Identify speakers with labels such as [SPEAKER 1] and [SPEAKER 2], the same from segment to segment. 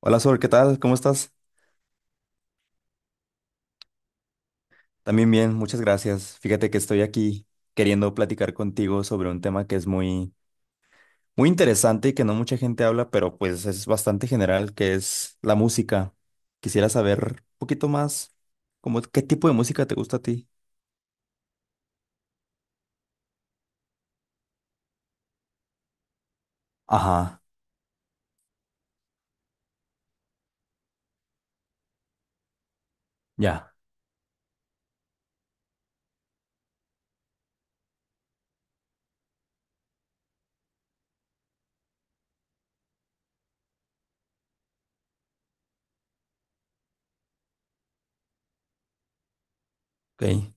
[SPEAKER 1] Hola Sol, ¿qué tal? ¿Cómo estás? También bien, muchas gracias. Fíjate que estoy aquí queriendo platicar contigo sobre un tema que es muy, muy interesante y que no mucha gente habla, pero pues es bastante general, que es la música. Quisiera saber un poquito más, como qué tipo de música te gusta a ti. Ajá, ya, ok.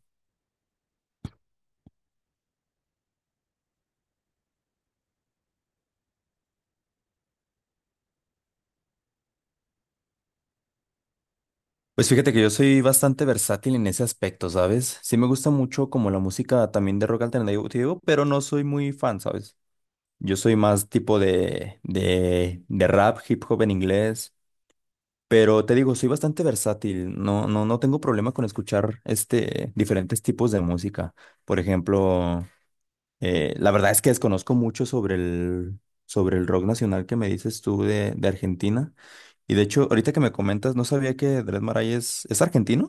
[SPEAKER 1] Pues fíjate que yo soy bastante versátil en ese aspecto, ¿sabes? Sí me gusta mucho como la música también de rock alternativo, pero no soy muy fan, ¿sabes? Yo soy más tipo de rap, hip hop en inglés, pero te digo, soy bastante versátil, no, no, no tengo problema con escuchar este, diferentes tipos de música. Por ejemplo, la verdad es que desconozco mucho sobre sobre el rock nacional que me dices tú de Argentina. Y de hecho, ahorita que me comentas, no sabía que Dred Maray es argentino.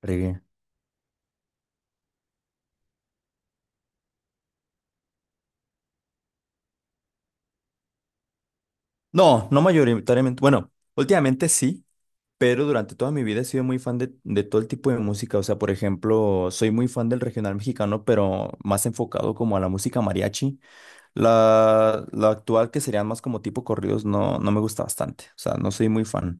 [SPEAKER 1] Fregué. No, no mayoritariamente, bueno, últimamente sí. Pero durante toda mi vida he sido muy fan de todo el tipo de música. O sea, por ejemplo, soy muy fan del regional mexicano, pero más enfocado como a la música mariachi. La actual, que serían más como tipo corridos, no, no me gusta bastante. O sea, no soy muy fan.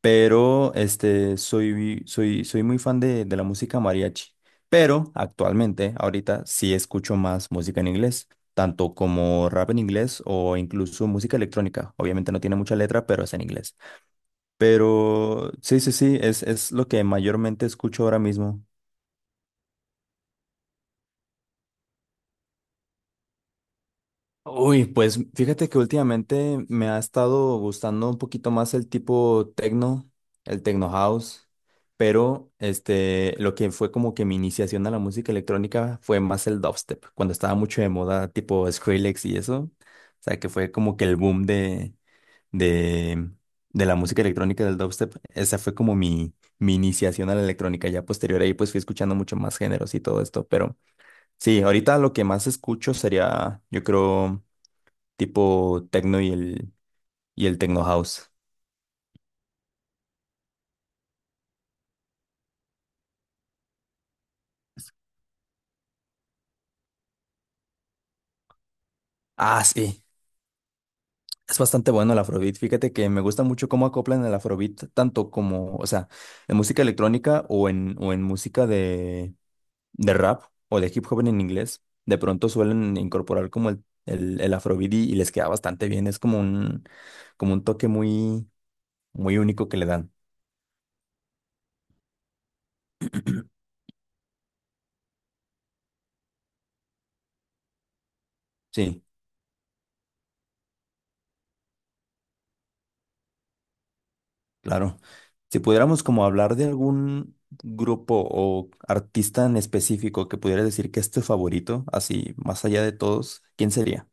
[SPEAKER 1] Pero este, soy muy fan de la música mariachi. Pero actualmente, ahorita, sí escucho más música en inglés, tanto como rap en inglés o incluso música electrónica. Obviamente no tiene mucha letra, pero es en inglés. Pero sí, sí, sí, es lo que mayormente escucho ahora mismo. Uy, pues fíjate que últimamente me ha estado gustando un poquito más el tipo techno, el techno house, pero este, lo que fue como que mi iniciación a la música electrónica fue más el dubstep, cuando estaba mucho de moda, tipo Skrillex y eso. O sea, que fue como que el boom de, de la música electrónica del dubstep. Esa fue como mi iniciación a la electrónica. Ya posterior ahí pues fui escuchando mucho más géneros y todo esto. Pero sí, ahorita lo que más escucho sería, yo creo, tipo techno y y el techno house. Ah, sí. Es bastante bueno el Afrobeat. Fíjate que me gusta mucho cómo acoplan el Afrobeat, tanto como, o sea, en música electrónica o en música de rap o de hip hop en inglés, de pronto suelen incorporar como el afrobeat y les queda bastante bien. Es como un toque muy, muy único que le dan. Sí, claro. Si pudiéramos como hablar de algún grupo o artista en específico que pudieras decir que es tu favorito, así más allá de todos, ¿quién sería?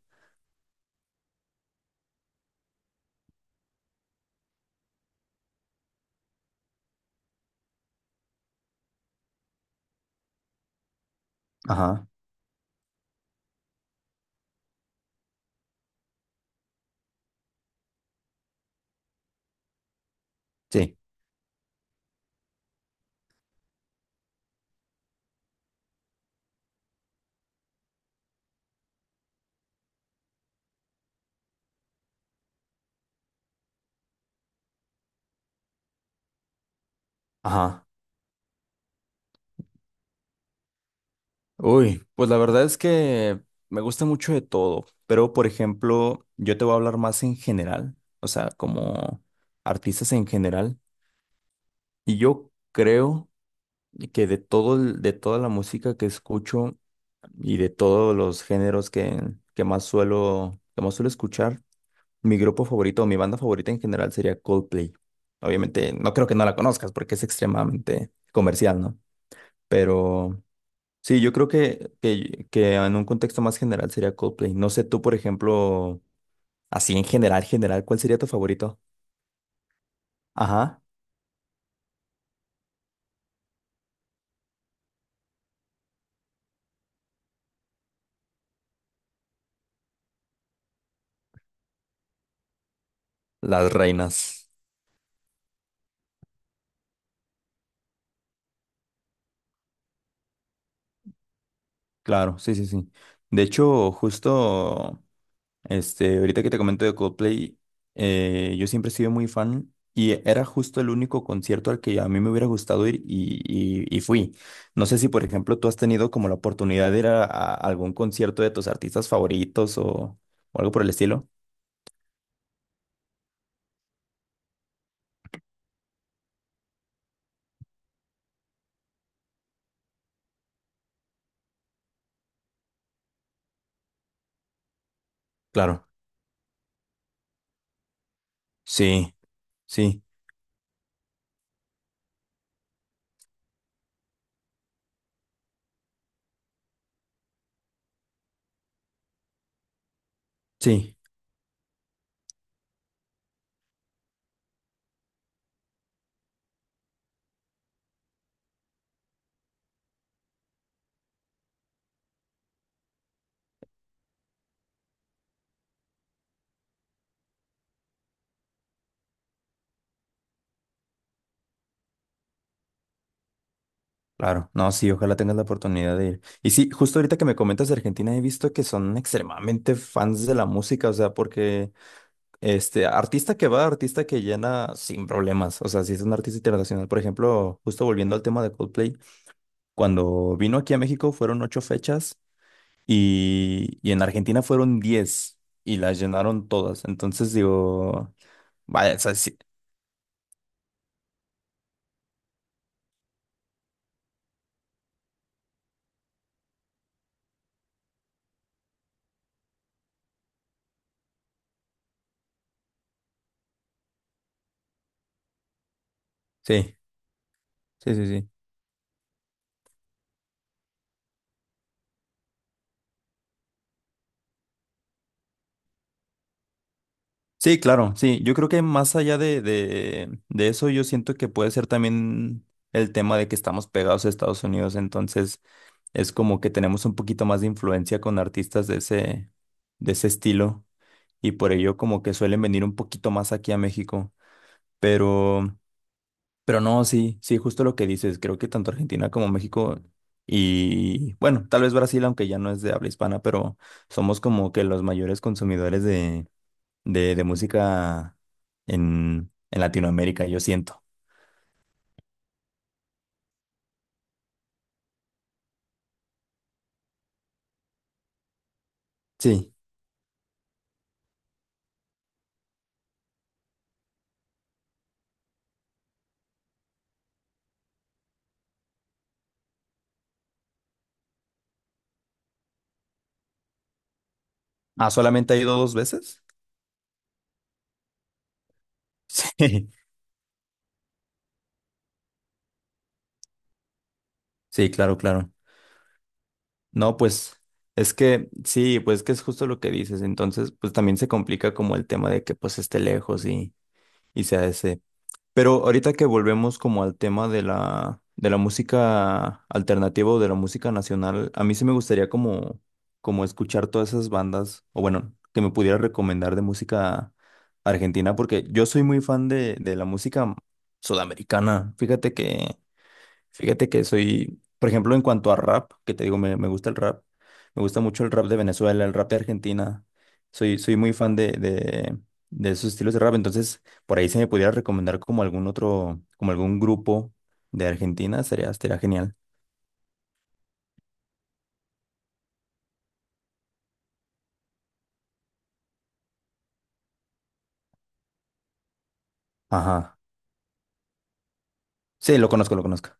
[SPEAKER 1] Ajá, sí, ajá. Uy, pues la verdad es que me gusta mucho de todo, pero por ejemplo, yo te voy a hablar más en general, o sea, como artistas en general, y yo creo que de toda la música que escucho y de todos los géneros que más suelo escuchar, mi grupo favorito o mi banda favorita en general sería Coldplay. Obviamente, no creo que no la conozcas porque es extremadamente comercial, ¿no? Pero sí, yo creo que en un contexto más general sería Coldplay. No sé tú, por ejemplo, así en general, general, ¿cuál sería tu favorito? Ajá, las reinas. Claro, sí, sí, sí. De hecho, justo, este, ahorita que te comento de Coldplay, yo siempre he sido muy fan y era justo el único concierto al que a mí me hubiera gustado ir y fui. No sé si, por ejemplo, tú has tenido como la oportunidad de ir a algún concierto de tus artistas favoritos o algo por el estilo. Claro. Sí, sí, sí, claro. No, sí, ojalá tengas la oportunidad de ir. Y sí, justo ahorita que me comentas de Argentina, he visto que son extremadamente fans de la música, o sea, porque este artista que va, artista que llena sin problemas. O sea, si es un artista internacional, por ejemplo, justo volviendo al tema de Coldplay, cuando vino aquí a México fueron ocho fechas y en Argentina fueron diez y las llenaron todas. Entonces digo, vaya, o sea, sí, sí, sí, sí, sí. Sí, claro, sí. Yo creo que más allá de eso, yo siento que puede ser también el tema de que estamos pegados a Estados Unidos, entonces es como que tenemos un poquito más de influencia con artistas de ese estilo y por ello como que suelen venir un poquito más aquí a México. Pero, pero no, sí, sí, justo lo que dices, creo que tanto Argentina como México y bueno, tal vez Brasil, aunque ya no es de habla hispana, pero somos como que los mayores consumidores de música en Latinoamérica, yo siento. Sí. Ah, ¿solamente ha ido dos veces? Sí, sí, claro, claro. No, pues es que sí, pues que es justo lo que dices. Entonces, pues también se complica como el tema de que pues esté lejos y sea ese. Pero ahorita que volvemos como al tema de de la música alternativa o de la música nacional, a mí sí me gustaría como, como escuchar todas esas bandas, o bueno, que me pudiera recomendar de música argentina, porque yo soy muy fan de la música sudamericana. Fíjate que soy, por ejemplo, en cuanto a rap, que te digo, me gusta el rap, me gusta mucho el rap de Venezuela, el rap de Argentina, soy, soy muy fan de esos estilos de rap, entonces por ahí si me pudiera recomendar como algún otro, como algún grupo de Argentina, sería, estaría genial. Ajá, sí, lo conozco, lo conozco.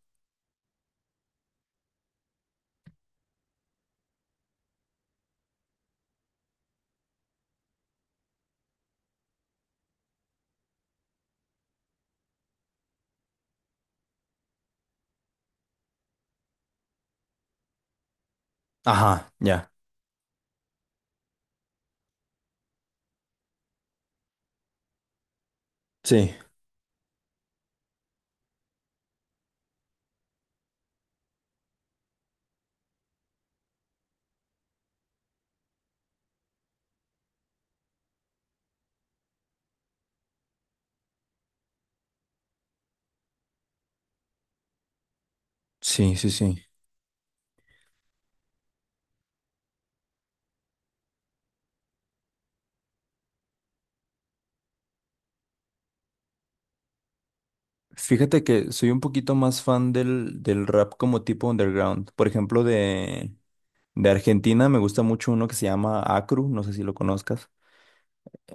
[SPEAKER 1] Ajá, ya, sí, sí, sí, sí. Fíjate que soy un poquito más fan del rap como tipo underground, por ejemplo, de... De Argentina me gusta mucho uno que se llama Acru, no sé si lo conozcas.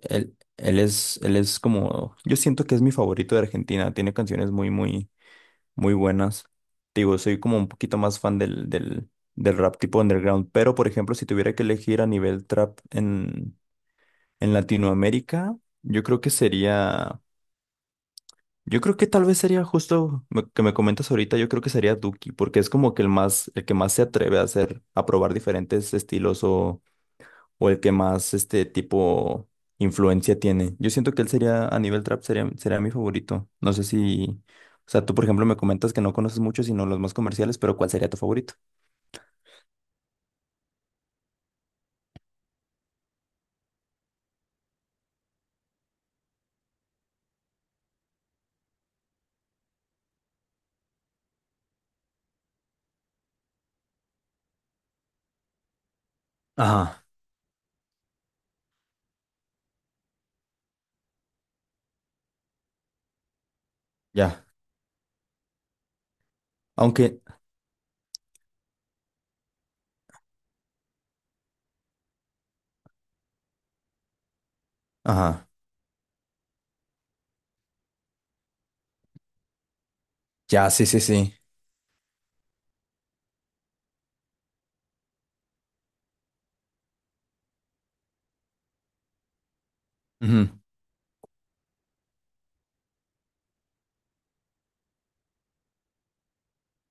[SPEAKER 1] Él, él es como, yo siento que es mi favorito de Argentina, tiene canciones muy, muy, muy buenas. Te digo, soy como un poquito más fan del rap tipo underground, pero por ejemplo, si tuviera que elegir a nivel trap en Latinoamérica, yo creo que sería, yo creo que tal vez sería que me comentas ahorita, yo creo que sería Duki, porque es como que el más, el que más se atreve a hacer, a probar diferentes estilos o el que más este tipo influencia tiene. Yo siento que él sería, a nivel trap, sería, sería mi favorito. No sé si, o sea, tú por ejemplo me comentas que no conoces mucho, sino los más comerciales, pero ¿cuál sería tu favorito? Ajá, ya. Aunque, ajá, ya, sí, sí, sí. Ujú,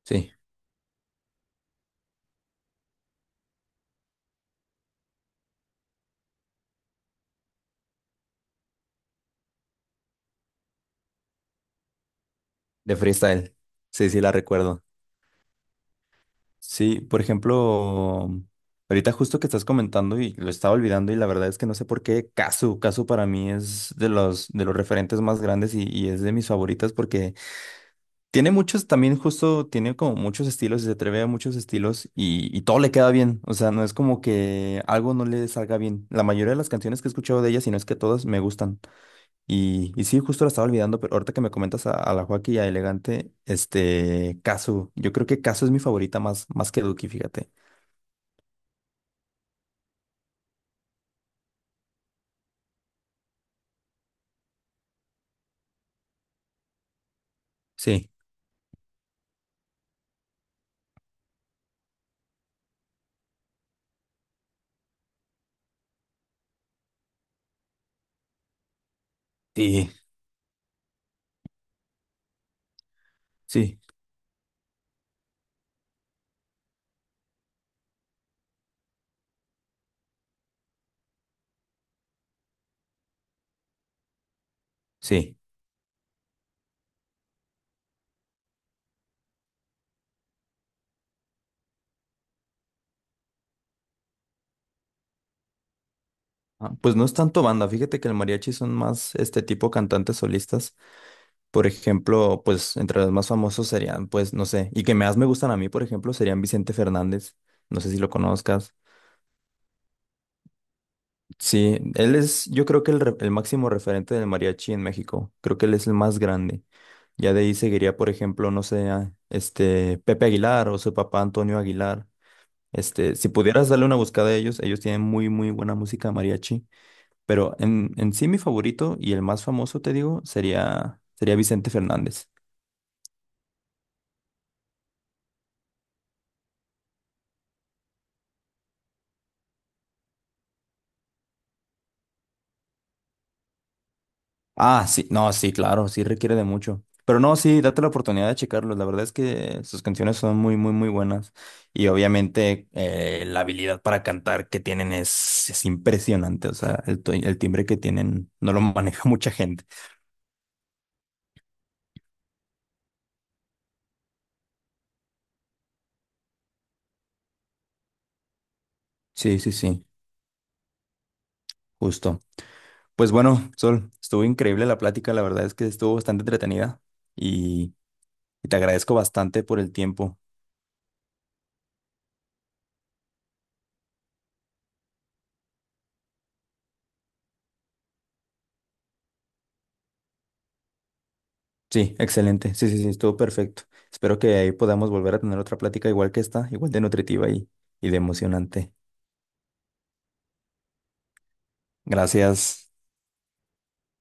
[SPEAKER 1] sí, de freestyle. Sí, sí, la recuerdo. Sí, por ejemplo, ahorita justo que estás comentando y lo estaba olvidando y la verdad es que no sé por qué Casu, Casu para mí es de los referentes más grandes y es de mis favoritas porque tiene muchos, también justo, tiene como muchos estilos y se atreve a muchos estilos y todo le queda bien. O sea, no es como que algo no le salga bien. La mayoría de las canciones que he escuchado de ella, si no es que todas, me gustan. Y sí, justo la estaba olvidando, pero ahorita que me comentas a la Joaquín y a Elegante, este, Casu. Yo creo que Casu es mi favorita más, más que Duki, fíjate. Sí, sí, sí, sí. Ah, pues no es tanto banda, fíjate que el mariachi son más este tipo cantantes solistas. Por ejemplo, pues entre los más famosos serían, pues, no sé, y que más me gustan a mí, por ejemplo, serían Vicente Fernández. No sé si lo conozcas. Sí, él es, yo creo que el máximo referente del mariachi en México. Creo que él es el más grande. Ya de ahí seguiría, por ejemplo, no sé, a, este Pepe Aguilar o su papá Antonio Aguilar. Este, si pudieras darle una buscada a ellos, ellos tienen muy, muy buena música mariachi. Pero en sí mi favorito y el más famoso, te digo, sería, sería Vicente Fernández. Ah, sí, no, sí, claro, sí requiere de mucho. Pero no, sí, date la oportunidad de checarlos. La verdad es que sus canciones son muy, muy, muy buenas. Y obviamente la habilidad para cantar que tienen es impresionante. O sea, el timbre que tienen no lo maneja mucha gente. Sí, sí, sí, justo. Pues bueno, Sol, estuvo increíble la plática. La verdad es que estuvo bastante entretenida. Y, y te agradezco bastante por el tiempo. Sí, excelente. Sí, sí, sí, estuvo perfecto. Espero que ahí podamos volver a tener otra plática igual que esta, igual de nutritiva y de emocionante. Gracias.